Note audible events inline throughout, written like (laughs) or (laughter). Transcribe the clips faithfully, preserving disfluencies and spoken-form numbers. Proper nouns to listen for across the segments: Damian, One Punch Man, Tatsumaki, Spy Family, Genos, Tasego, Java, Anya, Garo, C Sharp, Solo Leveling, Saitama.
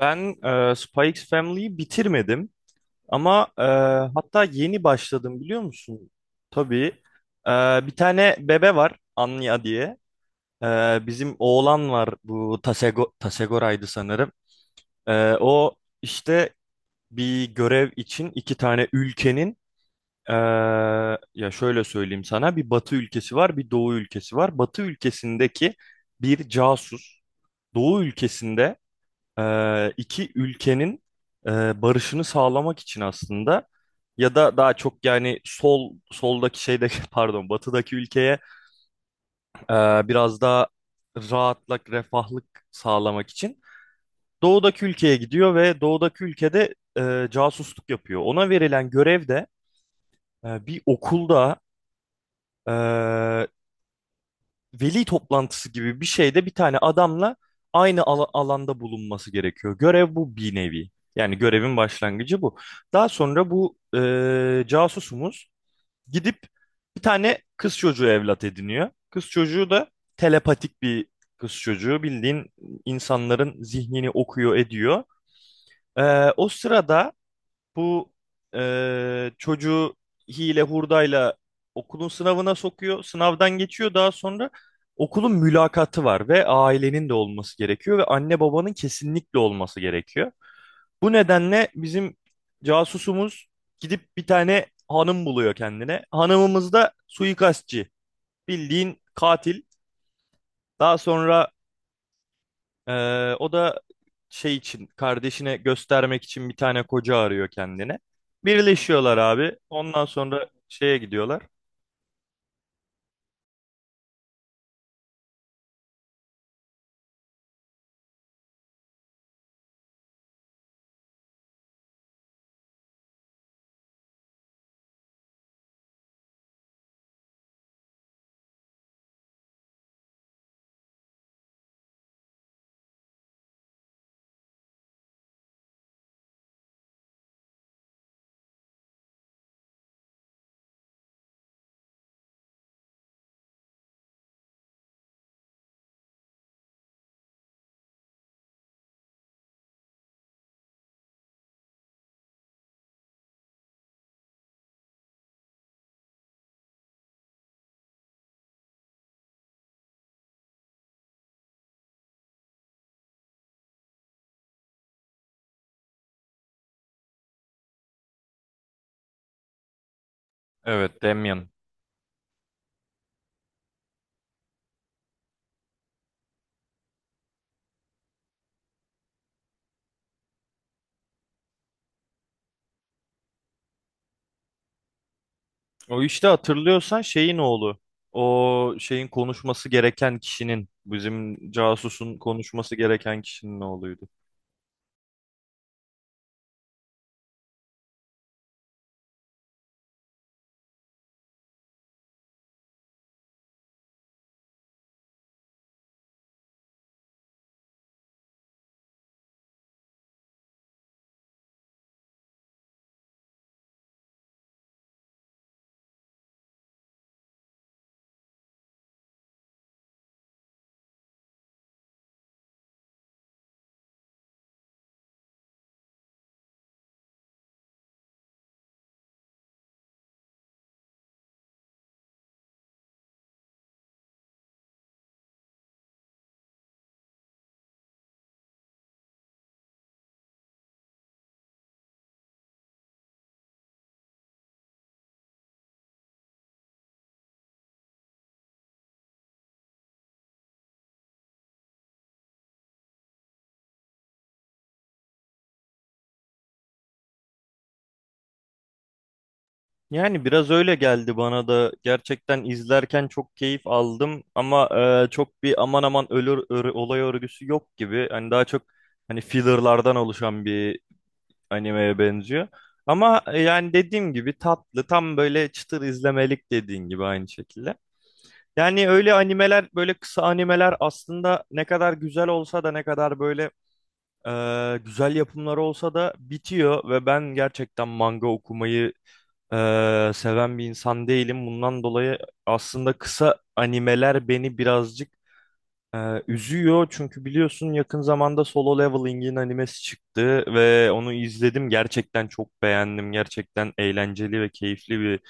Ben e, Spy Family'yi bitirmedim ama e, hatta yeni başladım biliyor musun? Tabii. E, bir tane bebe var Anya diye. E, bizim oğlan var bu Tasego, Tasegora'ydı sanırım. E, o işte bir görev için iki tane ülkenin e, ya şöyle söyleyeyim sana, bir batı ülkesi var, bir doğu ülkesi var. Batı ülkesindeki bir casus. Doğu ülkesinde e, iki ülkenin e, barışını sağlamak için, aslında ya da daha çok, yani sol soldaki şeyde (laughs) pardon batıdaki ülkeye e, biraz daha rahatlık, refahlık sağlamak için doğudaki ülkeye gidiyor ve doğudaki ülkede e, casusluk yapıyor. Ona verilen görev de e, bir okulda veli toplantısı gibi bir şeyde bir tane adamla aynı ala- alanda bulunması gerekiyor. Görev bu, bir nevi. Yani görevin başlangıcı bu. Daha sonra bu e, casusumuz gidip bir tane kız çocuğu evlat ediniyor. Kız çocuğu da telepatik bir kız çocuğu. Bildiğin insanların zihnini okuyor ediyor. E, o sırada bu eee, çocuğu hile hurdayla okulun sınavına sokuyor. Sınavdan geçiyor. Daha sonra okulun mülakatı var ve ailenin de olması gerekiyor ve anne babanın kesinlikle olması gerekiyor. Bu nedenle bizim casusumuz gidip bir tane hanım buluyor kendine. Hanımımız da suikastçı. Bildiğin katil. Daha sonra ee, o da şey için, kardeşine göstermek için, bir tane koca arıyor kendine. Birleşiyorlar abi. Ondan sonra şeye gidiyorlar. Evet, Damian. O işte hatırlıyorsan şeyin oğlu. O şeyin konuşması gereken kişinin, bizim casusun konuşması gereken kişinin oğluydu. Yani biraz öyle geldi bana da. Gerçekten izlerken çok keyif aldım ama e, çok bir aman aman ölür, ölü- olay örgüsü yok gibi. Hani daha çok, hani fillerlardan oluşan bir animeye benziyor. Ama e, yani dediğim gibi tatlı, tam böyle çıtır izlemelik, dediğin gibi, aynı şekilde. Yani öyle animeler, böyle kısa animeler aslında ne kadar güzel olsa da, ne kadar böyle e, güzel yapımları olsa da bitiyor ve ben gerçekten manga okumayı e, seven bir insan değilim. Bundan dolayı aslında kısa animeler beni birazcık ee, üzüyor, çünkü biliyorsun yakın zamanda Solo Leveling'in animesi çıktı ve onu izledim. Gerçekten çok beğendim. Gerçekten eğlenceli ve keyifli bir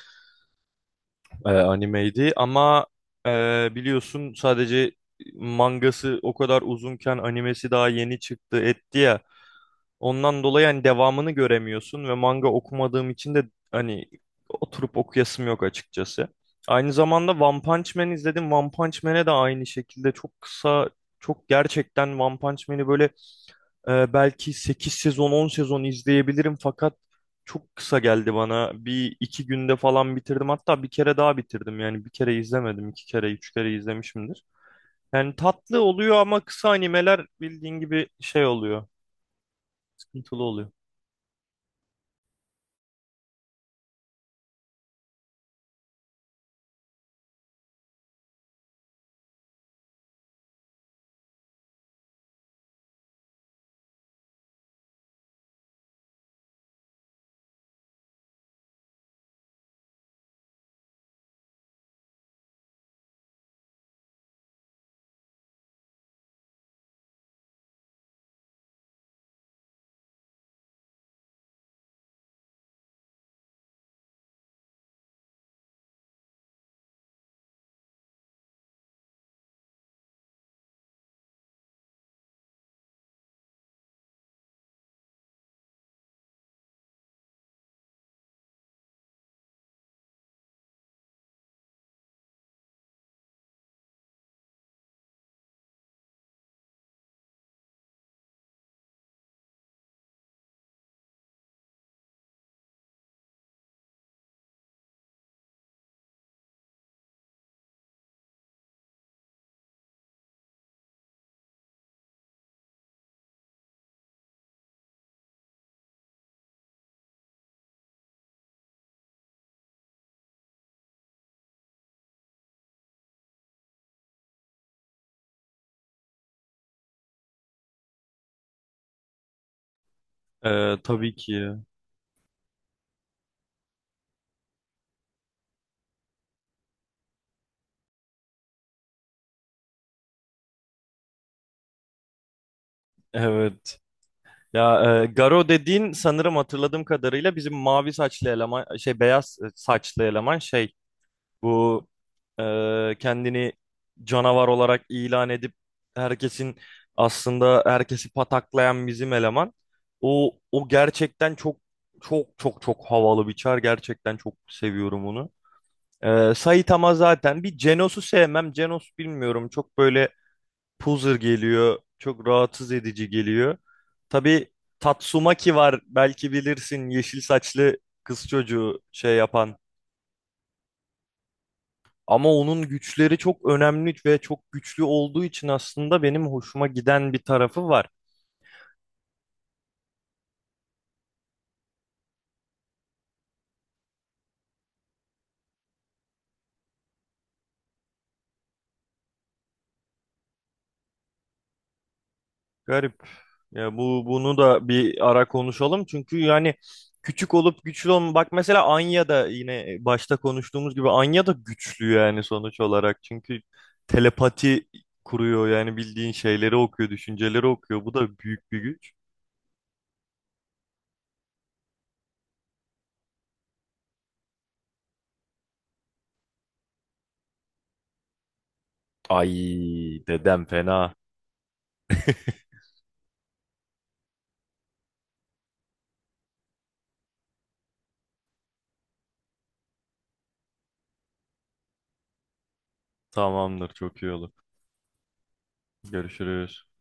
e, animeydi. Ama e, biliyorsun, sadece mangası o kadar uzunken animesi daha yeni çıktı etti ya. Ondan dolayı hani devamını göremiyorsun ve manga okumadığım için de hani oturup okuyasım yok açıkçası. Aynı zamanda One Punch Man izledim. One Punch Man'e de aynı şekilde çok kısa, çok, gerçekten One Punch Man'i böyle e, belki sekiz sezon, on sezon izleyebilirim fakat çok kısa geldi bana. Bir iki günde falan bitirdim. Hatta bir kere daha bitirdim. Yani bir kere izlemedim, iki kere, üç kere izlemişimdir. Yani tatlı oluyor ama kısa animeler bildiğin gibi şey oluyor. Sıkıntılı oluyor. Ee, tabii ki. Evet. Ya e, Garo dediğin, sanırım hatırladığım kadarıyla, bizim mavi saçlı eleman, şey, beyaz saçlı eleman, şey, bu e, kendini canavar olarak ilan edip herkesin, aslında herkesi pataklayan bizim eleman. O o gerçekten çok çok çok çok havalı bir çar. Gerçekten çok seviyorum onu. Ee, Saitama zaten bir, Genos'u sevmem. Genos bilmiyorum, çok böyle Puzzer geliyor. Çok rahatsız edici geliyor. Tabii Tatsumaki var. Belki bilirsin, yeşil saçlı kız çocuğu, şey yapan. Ama onun güçleri çok önemli ve çok güçlü olduğu için aslında benim hoşuma giden bir tarafı var. Garip. Ya bu bunu da bir ara konuşalım. Çünkü yani küçük olup güçlü olma. Bak mesela Anya da, yine başta konuştuğumuz gibi, Anya da güçlü yani sonuç olarak. Çünkü telepati kuruyor, yani bildiğin şeyleri okuyor, düşünceleri okuyor. Bu da büyük bir güç. Ay dedem fena. Tamamdır, çok iyi olur. Görüşürüz.